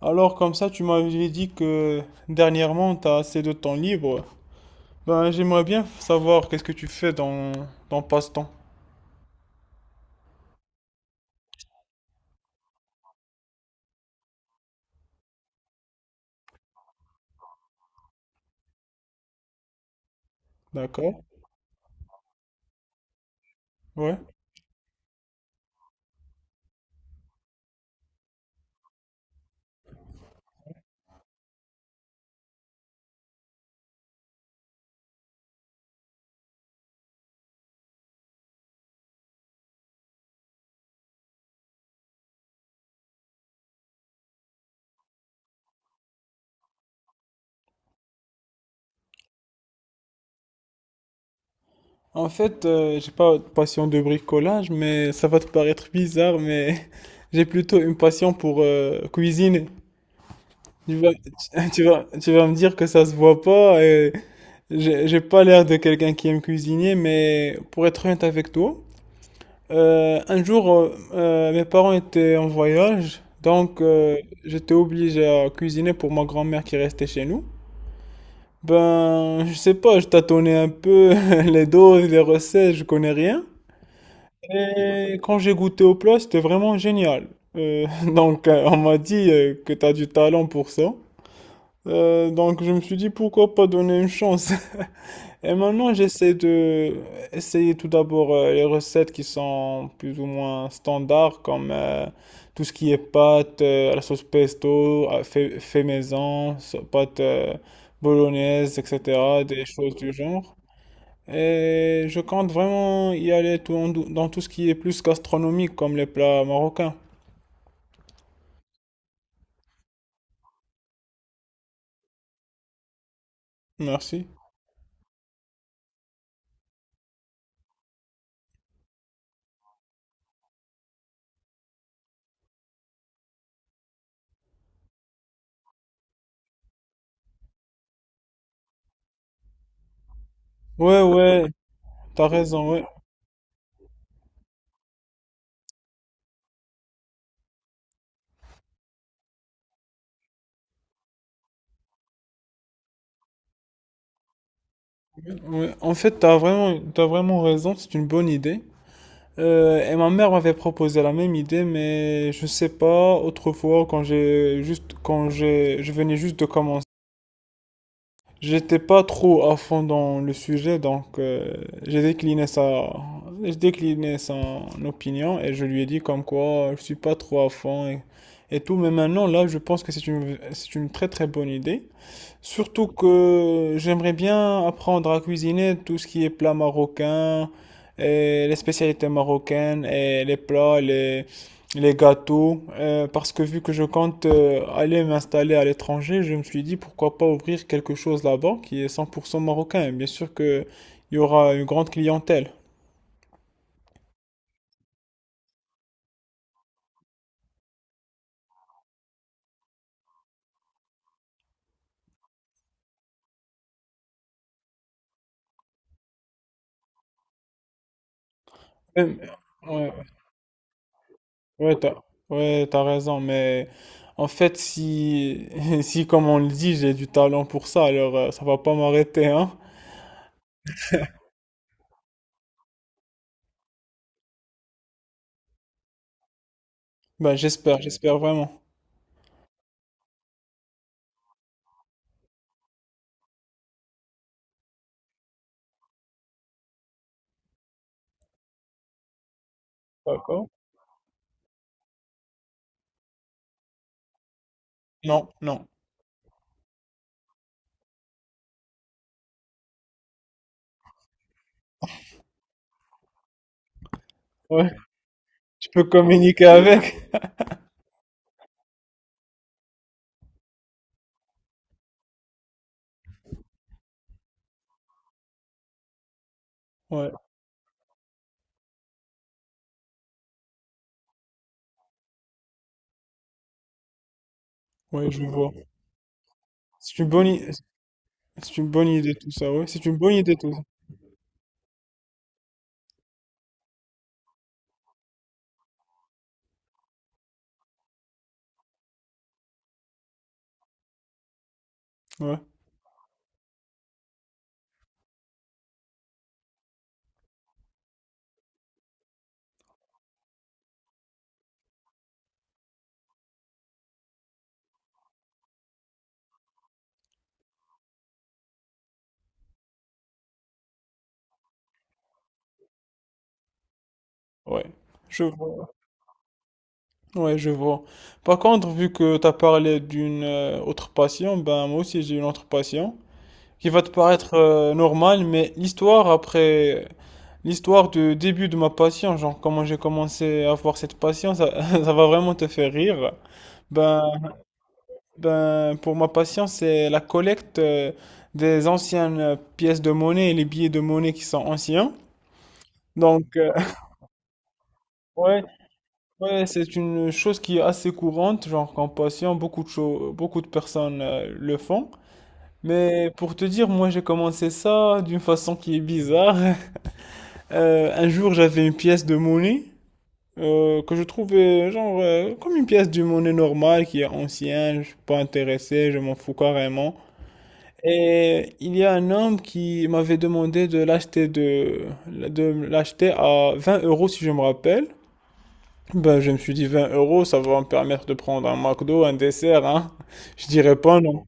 Alors comme ça, tu m'avais dit que dernièrement, tu as assez de temps libre. Ben, j'aimerais bien savoir qu'est-ce que tu fais dans passe-temps. D'accord? Ouais. En fait, j'ai pas de passion de bricolage, mais ça va te paraître bizarre, mais j'ai plutôt une passion pour cuisiner. Tu vas, tu vas me dire que ça se voit pas et j'ai pas l'air de quelqu'un qui aime cuisiner, mais pour être honnête avec toi. Un jour, mes parents étaient en voyage, donc j'étais obligé à cuisiner pour ma grand-mère qui restait chez nous. Ben, je sais pas, je tâtonnais un peu les doses, les recettes, je connais rien. Et quand j'ai goûté au plat, c'était vraiment génial. Euh, donc, on m'a dit que t'as du talent pour ça. Donc, je me suis dit pourquoi pas donner une chance. Et maintenant, j'essaie de essayer tout d'abord les recettes qui sont plus ou moins standards, comme tout ce qui est pâte à la sauce pesto, fait maison, pâte bolognaise, etc., des choses du genre. Et je compte vraiment y aller tout en dans tout ce qui est plus gastronomique, comme les plats marocains. Merci. Ouais, ouais, t'as raison, ouais. Ouais, en fait, t'as vraiment raison, c'est une bonne idée. Et ma mère m'avait proposé la même idée, mais je sais pas, autrefois, quand j'ai juste, quand j'ai, je venais juste de commencer, j'étais pas trop à fond dans le sujet, donc j'ai décliné ça, j'ai décliné son opinion et je lui ai dit comme quoi je suis pas trop à fond et tout, mais maintenant là, je pense que c'est une très très bonne idée. Surtout que j'aimerais bien apprendre à cuisiner tout ce qui est plat marocain, et les spécialités marocaines, et les plats, les gâteaux. Euh, parce que vu que je compte aller m'installer à l'étranger, je me suis dit pourquoi pas ouvrir quelque chose là-bas qui est 100% marocain. Bien sûr qu'il y aura une grande clientèle. Euh, Ouais, ouais, ouais, t'as raison, mais en fait, si, si comme on le dit, j'ai du talent pour ça, alors ça va pas m'arrêter, hein. Bah, j'espère, vraiment. Non, non. Ouais, tu peux communiquer avec. Ouais, ouais, je vois. C'est une bonne, i- c'est une bonne idée tout ça, ouais. C'est une bonne idée tout ça. Ouais, ouais. Je vois. Ouais, je vois. Par contre, vu que tu as parlé d'une autre passion, ben moi aussi j'ai une autre passion qui va te paraître normale, mais l'histoire du début de ma passion, genre comment j'ai commencé à avoir cette passion, ça, ça va vraiment te faire rire. Ben Ben, pour ma passion, c'est la collecte des anciennes pièces de monnaie et les billets de monnaie qui sont anciens. Donc, ouais, ouais, c'est une chose qui est assez courante, genre qu'en passion, beaucoup de personnes le font. Mais pour te dire, moi, j'ai commencé ça d'une façon qui est bizarre. Un jour, j'avais une pièce de monnaie que je trouvais genre comme une pièce de monnaie normale qui est ancienne. Je suis pas intéressé, je m'en fous carrément. Et il y a un homme qui m'avait demandé de l'acheter de l'acheter à 20 euros si je me rappelle. Ben, je me suis dit 20 euros, ça va me permettre de prendre un McDo, un dessert, hein. Je dirais pas non.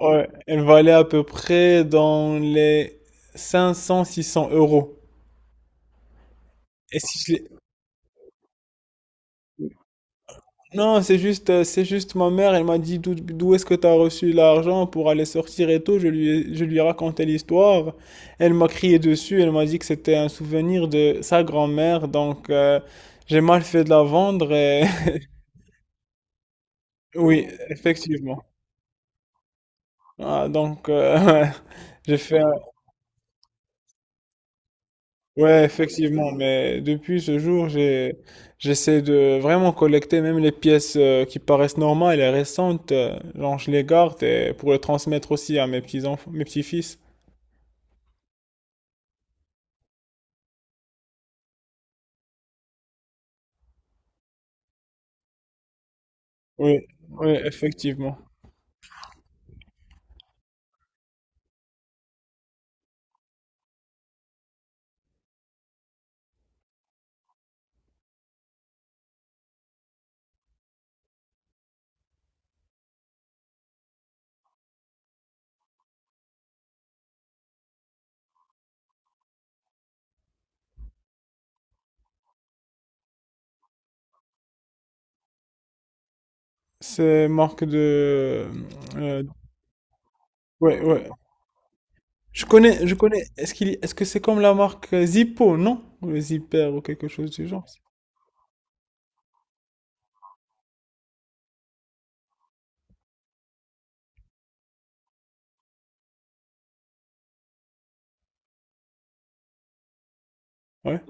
Ouais, elle valait à peu près dans les 500 cents, euros. Et si je l'ai- Non, c'est juste ma mère, elle m'a dit d'où est-ce que tu as reçu l'argent pour aller sortir et tout. Je lui ai raconté l'histoire. Elle m'a crié dessus, elle m'a dit que c'était un souvenir de sa grand-mère. Donc, j'ai mal fait de la vendre. Et... Oui, effectivement. Ah, donc, j'ai fait. Ouais, effectivement, mais depuis ce jour, j'essaie de vraiment collecter même les pièces qui paraissent normales et récentes, genre je les garde et pour les transmettre aussi à mes petits enfants, mes petits-fils. Oui, oui, effectivement. C'est marque de, euh, ouais, ouais. Je connais, je connais. Est-ce que c'est comme la marque Zippo, non? Ou le Zipper ou quelque chose du genre. Ouais,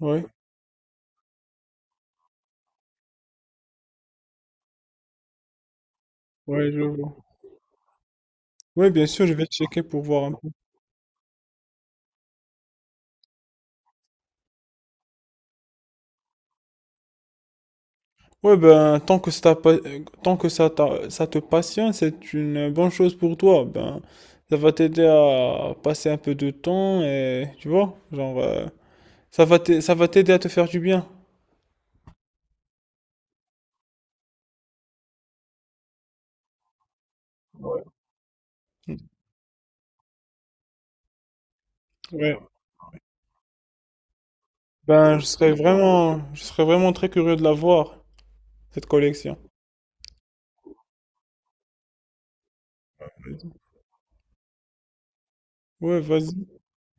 ouais, ouais, je vois. Ouais, bien sûr, je vais checker pour voir un. Ouais, ben, tant que ça, ça te passionne, c'est une bonne chose pour toi. Ben, ça va t'aider à passer un peu de temps et, tu vois, genre, ça va t'aider à te faire du bien. Ouais. Ben, je serais vraiment très curieux de la voir, cette collection. Ouais, vas-y.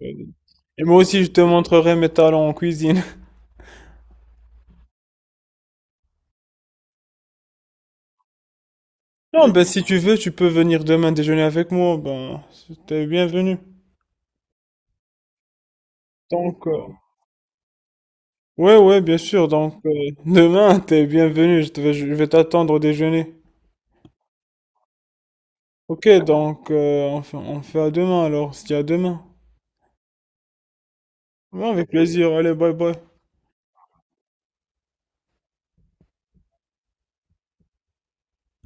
Vas-y. Et moi aussi, je te montrerai mes talents en cuisine. Non, ben, si tu veux, tu peux venir demain déjeuner avec moi. Ben, t'es bienvenu. Tant que. Ouais, ouais, bien sûr. Donc, demain, t'es bienvenu. Je vais t'attendre au déjeuner. Ok, donc, on fait à demain alors, si à demain. Ouais, avec plaisir. Allez, bye bye.